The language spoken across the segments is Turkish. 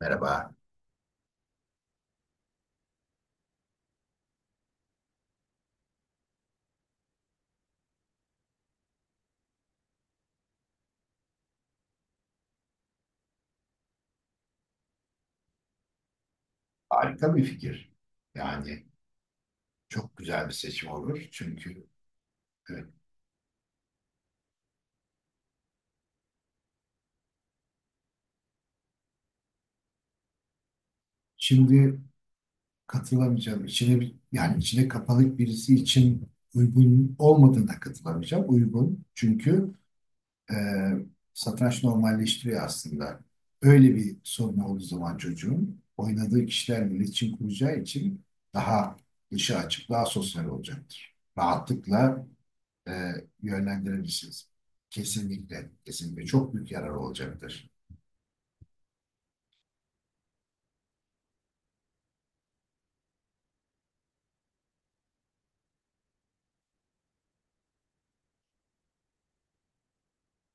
Merhaba. Harika bir fikir. Yani çok güzel bir seçim olur. Çünkü evet, şimdi katılamayacağım. Yani içine kapalı birisi için uygun olmadığına katılamayacağım. Uygun. Çünkü e, satranç normalleştiriyor aslında. Öyle bir sorunu olduğu zaman çocuğun oynadığı kişilerle iletişim kuracağı için daha dışa açık, daha sosyal olacaktır. Rahatlıkla e, yönlendirebilirsiniz. Kesinlikle, kesinlikle çok büyük yarar olacaktır.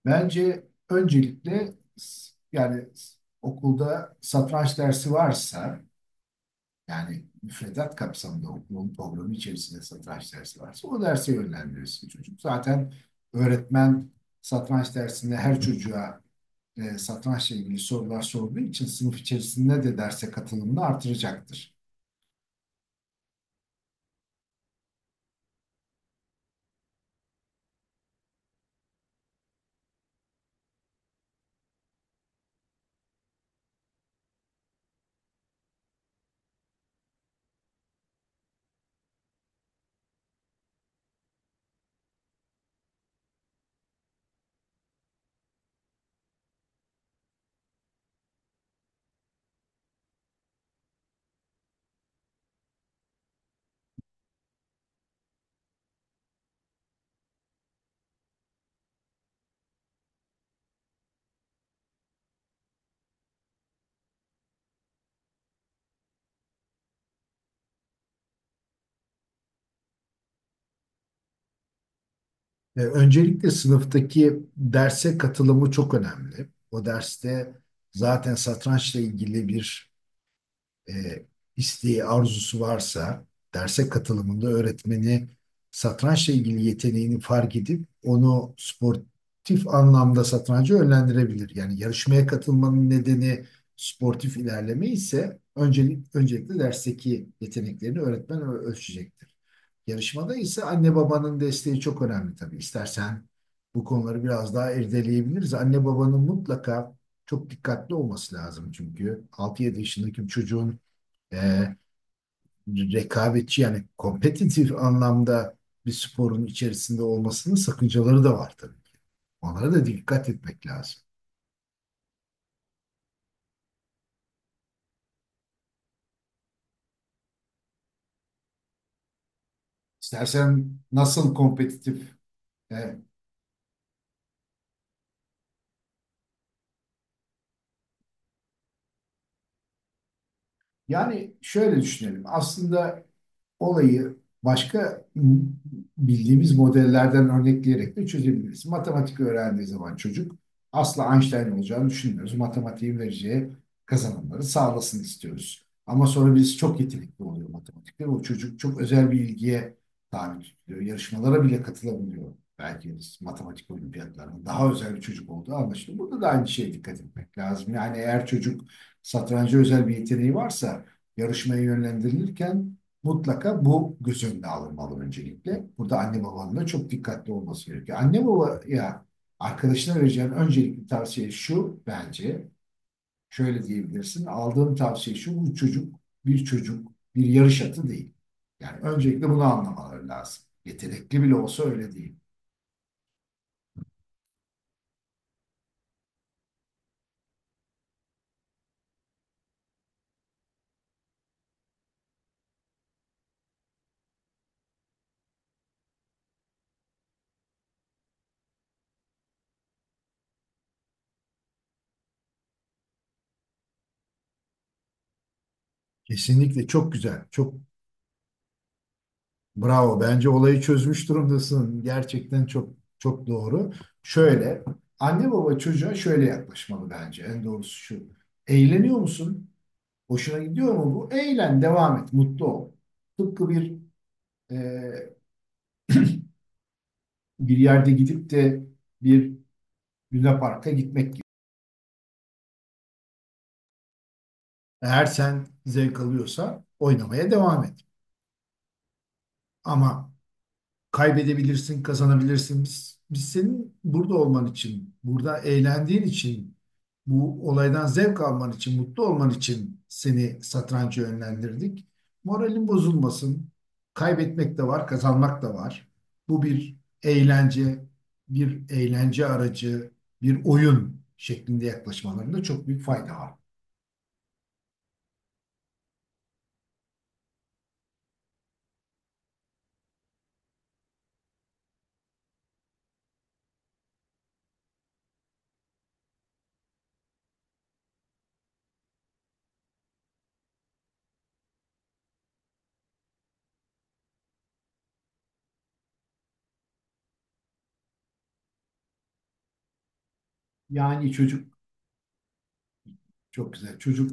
Bence öncelikle yani okulda satranç dersi varsa. Yani müfredat kapsamında okulun programı içerisinde satranç dersi varsa o derse yönlendirirsin çocuk. Zaten öğretmen satranç dersinde her çocuğa satrançla ilgili sorular sorduğu için sınıf içerisinde de derse katılımını artıracaktır. Öncelikle sınıftaki derse katılımı çok önemli. O derste zaten satrançla ilgili bir e, isteği, arzusu varsa derse katılımında öğretmeni satrançla ilgili yeteneğini fark edip onu sportif anlamda satranca yönlendirebilir. Yani yarışmaya katılmanın nedeni sportif ilerleme ise öncelikle dersteki yeteneklerini öğretmen ölçecektir. Yarışmada ise anne babanın desteği çok önemli tabii. İstersen bu konuları biraz daha irdeleyebiliriz. Anne babanın mutlaka çok dikkatli olması lazım çünkü 6-7 yaşındaki bir çocuğun e, rekabetçi yani kompetitif anlamda bir sporun içerisinde olmasının sakıncaları da var tabii. Onlara da dikkat etmek lazım. İstersen nasıl kompetitif? e, Yani şöyle düşünelim. Aslında olayı başka bildiğimiz modellerden örnekleyerek de çözebiliriz. Matematik öğrendiği zaman çocuk asla Einstein olacağını düşünmüyoruz. Matematiğin vereceği kazanımları sağlasın istiyoruz. Ama sonra biz çok yetenekli oluyor matematikte. O çocuk çok özel bir ilgiye tabi tutuluyor. Yarışmalara bile katılabiliyor. Belki matematik olimpiyatlarında daha özel bir çocuk olduğu anlaşılıyor. Burada da aynı şeye dikkat etmek lazım. Yani eğer çocuk satranca özel bir yeteneği varsa yarışmaya yönlendirilirken mutlaka bu göz önüne alınmalı öncelikle. Burada anne babanın da çok dikkatli olması gerekiyor. Anne babaya arkadaşına vereceğin öncelikli tavsiye şu bence. Şöyle diyebilirsin. Aldığım tavsiye şu. Bu çocuk bir çocuk, bir yarış atı değil. Yani öncelikle bunu anlamaları lazım. Yetenekli bile olsa öyle değil. Kesinlikle çok güzel. Bravo. Bence olayı çözmüş durumdasın. Gerçekten çok çok doğru. Şöyle, anne baba çocuğa şöyle yaklaşmalı bence. En doğrusu şu. Eğleniyor musun? Hoşuna gidiyor mu bu? Eğlen, devam et, mutlu ol. Tıpkı e, bir yerde gidip de bir lunaparka gitmek gibi. Eğer sen zevk alıyorsa oynamaya devam et. Ama kaybedebilirsin, kazanabilirsin. Biz senin burada olman için, burada eğlendiğin için, bu olaydan zevk alman için, mutlu olman için seni satranca yönlendirdik. Moralin bozulmasın. Kaybetmek de var, kazanmak da var. Bu bir eğlence, bir eğlence aracı, bir oyun şeklinde yaklaşmalarında çok büyük fayda var. Yani çocuk Çok güzel. Çocuk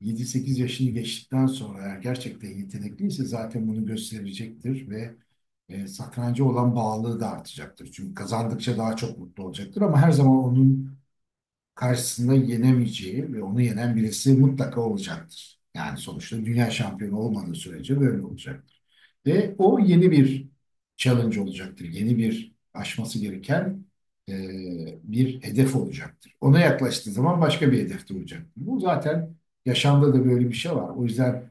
7-8 yaşını geçtikten sonra eğer gerçekten yetenekliyse zaten bunu gösterecektir ve satranca olan bağlılığı da artacaktır. Çünkü kazandıkça daha çok mutlu olacaktır ama her zaman onun karşısında yenemeyeceği ve onu yenen birisi mutlaka olacaktır. Yani sonuçta dünya şampiyonu olmadığı sürece böyle olacaktır. Ve o yeni bir challenge olacaktır. Yeni bir aşması gereken e, bir hedef olacaktır. Ona yaklaştığı zaman başka bir hedefte olacaktır. Bu zaten yaşamda da böyle bir şey var. O yüzden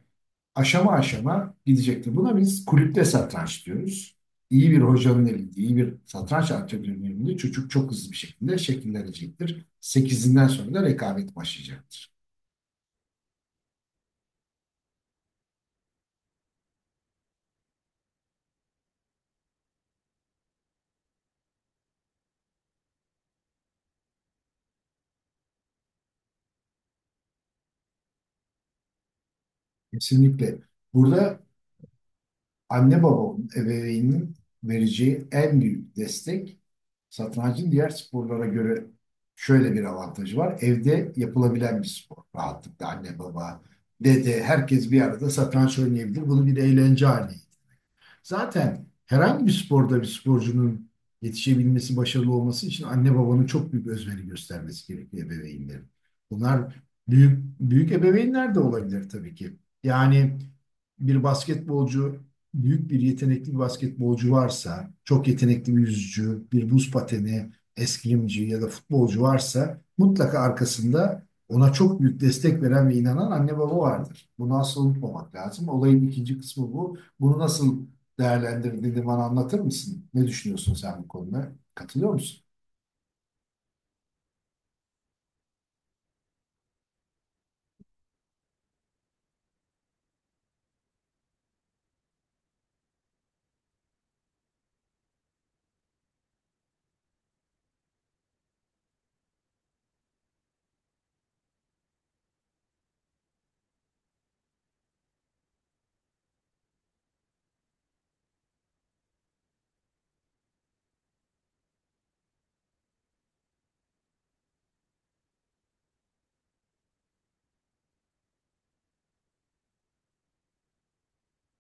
aşama aşama gidecektir. Buna biz kulüpte satranç diyoruz. İyi bir hocanın elinde, iyi bir satranç antrenörünün elinde çocuk çok hızlı bir şekilde şekillenecektir. 8'inden sonra da rekabet başlayacaktır. Kesinlikle. Burada anne babanın, ebeveynin vereceği en büyük destek satrancın diğer sporlara göre şöyle bir avantajı var. Evde yapılabilen bir spor. Rahatlıkla anne baba, dede herkes bir arada satranç oynayabilir. Bunu bir eğlence haline... Zaten herhangi bir sporda bir sporcunun yetişebilmesi, başarılı olması için anne babanın çok büyük özveri göstermesi gerekiyor ebeveynlerin. Bunlar büyük büyük ebeveynler de olabilir tabii ki. Yani bir basketbolcu, büyük bir yetenekli bir basketbolcu varsa, çok yetenekli bir yüzücü, bir buz pateni, eskrimci ya da futbolcu varsa mutlaka arkasında ona çok büyük destek veren ve inanan anne baba vardır. Bunu asla unutmamak lazım. Olayın ikinci kısmı bu. Bunu nasıl değerlendirdiğini bana anlatır mısın? Ne düşünüyorsun sen bu konuda? Katılıyor musun?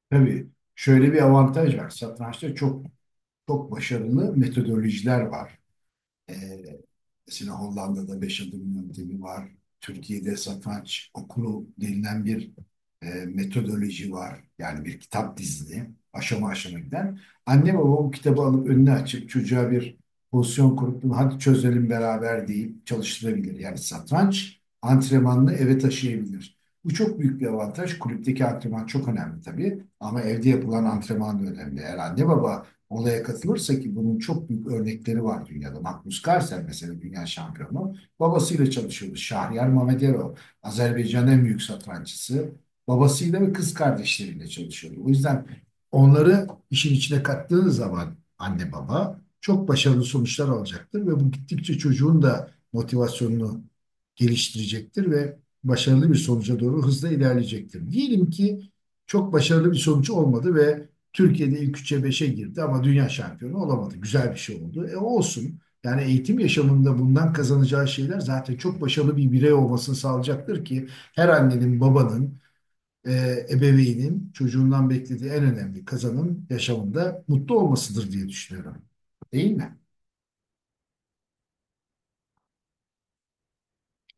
Tabii şöyle bir avantaj var. Satrançta çok çok başarılı metodolojiler var. Ee, Mesela Hollanda'da 5 adım yöntemi var. Türkiye'de satranç okulu denilen bir metodoloji var. Yani bir kitap dizili aşama aşama giden. Anne baba bu kitabı alıp önüne açıp çocuğa bir pozisyon kurup bunu hadi çözelim beraber deyip çalıştırabilir. Yani satranç antrenmanını eve taşıyabilir. Bu çok büyük bir avantaj. Kulüpteki antrenman çok önemli tabii. Ama evde yapılan antrenman da önemli. Eğer anne baba olaya katılırsa ki bunun çok büyük örnekleri var dünyada. Magnus Carlsen mesela dünya şampiyonu. Babasıyla çalışıyordu. Şahriyar Mamederov. Azerbaycan'ın en büyük satranççısı. Babasıyla ve kız kardeşleriyle çalışıyordu. O yüzden onları işin içine kattığınız zaman anne baba çok başarılı sonuçlar alacaktır ve bu gittikçe çocuğun da motivasyonunu geliştirecektir ve başarılı bir sonuca doğru hızla ilerleyecektir. Diyelim ki çok başarılı bir sonuç olmadı ve Türkiye'de ilk 3'e beşe girdi ama dünya şampiyonu olamadı. Güzel bir şey oldu. E olsun. Yani eğitim yaşamında bundan kazanacağı şeyler zaten çok başarılı bir birey olmasını sağlayacaktır ki her annenin, babanın, e, ebeveynin çocuğundan beklediği en önemli kazanım yaşamında mutlu olmasıdır diye düşünüyorum. Değil mi?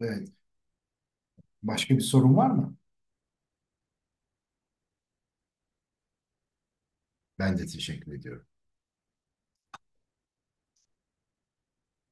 Evet. Başka bir sorun var mı? Ben de teşekkür ediyorum.